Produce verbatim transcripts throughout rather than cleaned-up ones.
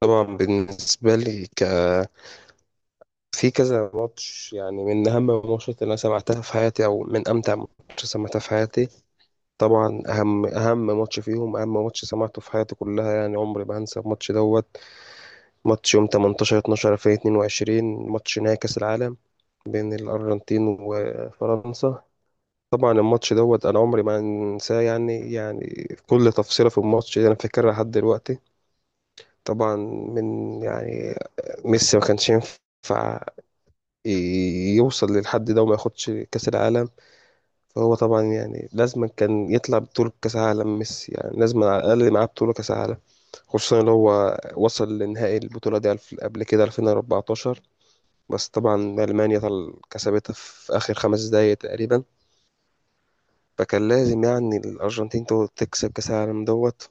طبعا بالنسبة لي ك... في كذا ماتش، يعني من أهم الماتشات اللي أنا سمعتها في حياتي، أو من أمتع ماتش سمعتها في حياتي. طبعا أهم أهم ماتش فيهم، أهم ماتش سمعته في حياتي كلها، يعني عمري ما هنسى الماتش دوت. ماتش يوم تمنتاشر اتناشر ألفين واتنين وعشرين، ماتش نهائي كأس العالم بين الأرجنتين وفرنسا. طبعا الماتش دوت أنا عمري ما هنساه، يعني يعني كل تفصيلة في الماتش دي أنا فاكرها لحد دلوقتي. طبعا، من يعني ميسي ما كانش ينفع يوصل للحد ده وما ياخدش كأس العالم. فهو طبعا يعني لازما كان يطلع بطولة كأس عالم، ميسي يعني لازما على الأقل معاه بطولة كأس عالم. خصوصا إن هو وصل لنهائي البطولة دي الف- قبل كده ألفين وأربعتاشر، بس طبعا ألمانيا طل- كسبتها في آخر خمس دقايق تقريبا. فكان لازم يعني الأرجنتين تو- تكسب كأس العالم دوت.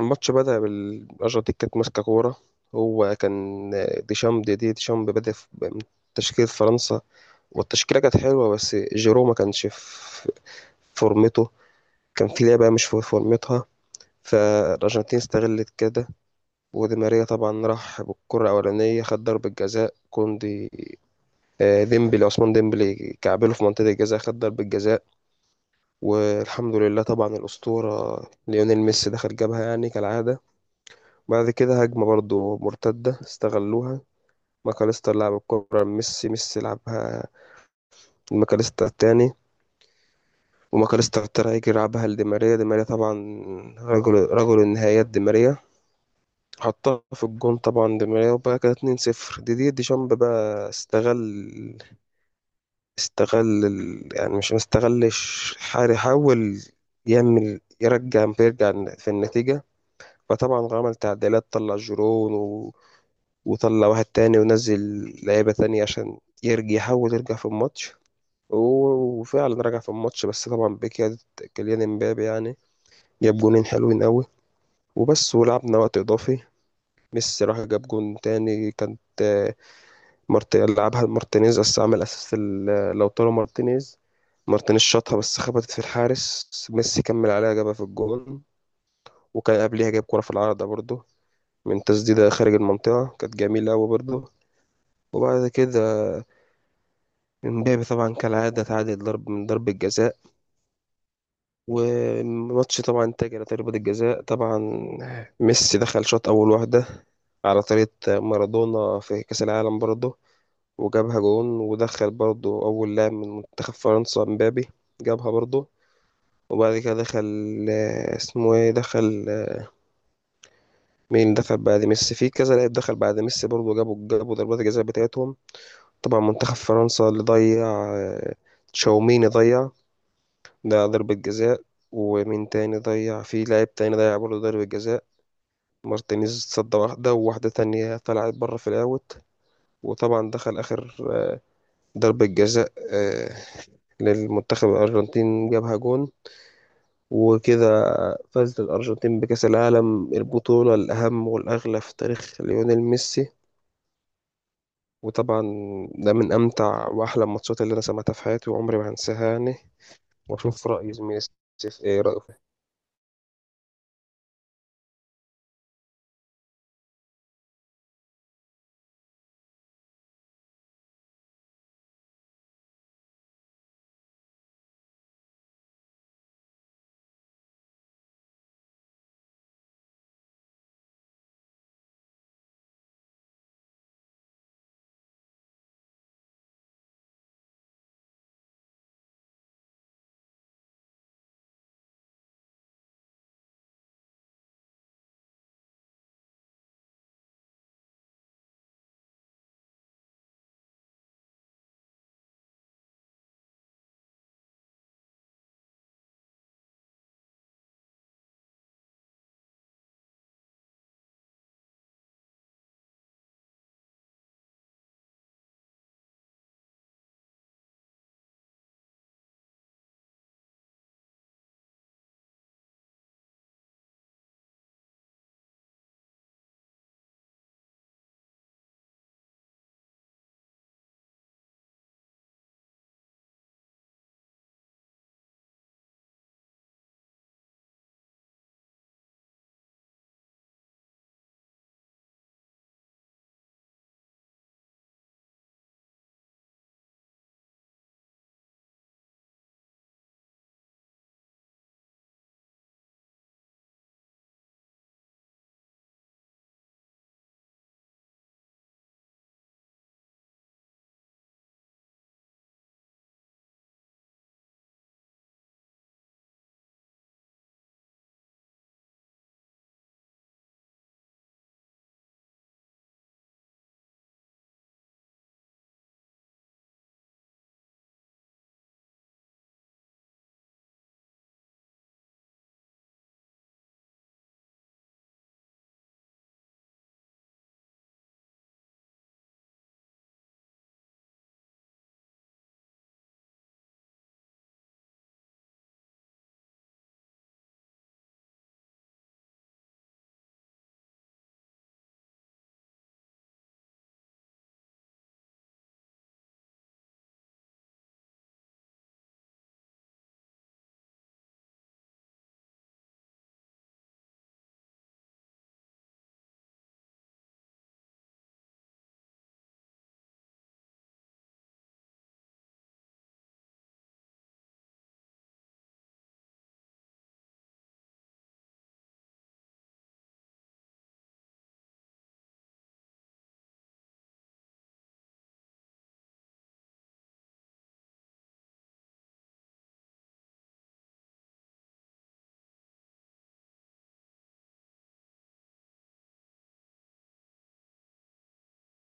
الماتش بدأ بالأرجنتين كانت ماسكة كورة. هو كان ديشامب، دي ديشامب بدأ في- بتشكيلة فرنسا، والتشكيلة كانت حلوة بس جيرو ما كانش في فورمته، كان في لعبة مش في فورمتها. فالأرجنتين استغلت كده، ودي ماريا طبعا راح بالكرة الأولانية، خد ضربة جزاء كوندي آه، ديمبلي، عثمان ديمبلي كعبله في منطقة الجزاء، خد ضربة جزاء. والحمد لله طبعا الأسطورة ليونيل ميسي دخل جابها يعني كالعادة. بعد كده هجمة برضو مرتدة استغلوها، ماكاليستر لعب الكرة لميسي، ميسي لعبها الماكاليستر التاني، وماكاليستر ترايجي لعبها لديماريا. ديماريا طبعا رجل رجل النهايات ديماريا، حطها في الجون طبعا ديماريا، وبقى كده اتنين صفر. ديدي ديشامب بقى استغل، استغل ال- يعني مش ما استغلش، حار يحاول يعمل يرجع، بيرجع في النتيجة. فطبعا عمل تعديلات، طلع جيرون و... وطلع واحد تاني، ونزل لعيبة تانية عشان يرجع يحاول يرجع في الماتش. و- وفعلا رجع في الماتش، بس طبعا بكيادة كيليان امبابي، يعني جاب جونين حلوين قوي وبس، ولعبنا وقت اضافي. ميسي راح جاب جون تاني، كانت آه، مارت لعبها مارتينيز، بس عمل اسيست ل- لوتارو مارتينيز، مارتينيز شاطها بس خبطت في الحارس، ميسي كمل عليها جابها في الجون. وكان قبليها جاب كرة في العارضة برضه من تسديدة خارج المنطقة، كانت جميلة أوي برضه. وبعد كده امبابي طبعا كالعادة تعادل، ضرب من ضربة جزاء. وماتش طبعا انتهى على ضربة الجزاء. طبعا ميسي دخل شاط أول واحدة على طريقة مارادونا في كأس العالم برضه، وجابها جون. ودخل برضه أول لاعب من منتخب فرنسا مبابي، جابها برضه. وبعد كده دخل آه، اسمه ايه، دخل آه، مين دخل بعد ميسي؟ في كذا لاعب دخل بعد ميسي برضه، جابوا جابوا ضربات الجزاء بتاعتهم. طبعا منتخب فرنسا اللي ضيع آه، تشاوميني ضيع ده ضربة جزاء. ومين تاني ضيع؟ في لاعب تاني ضيع برضه ضربة جزاء. مارتينيز صد واحدة، وواحدة تانية طلعت بره في الأوت. وطبعا دخل آخر آه، ضربة جزاء آه، للمنتخب الأرجنتين، جابها جون. وكده فازت الأرجنتين بكأس العالم، البطولة الأهم والأغلى في تاريخ ليونيل ميسي. وطبعا ده من أمتع وأحلى الماتشات اللي أنا سمعتها في حياتي، وعمري ما هنساها يعني. وأشوف رأي زميلي سيف إيه رأيه.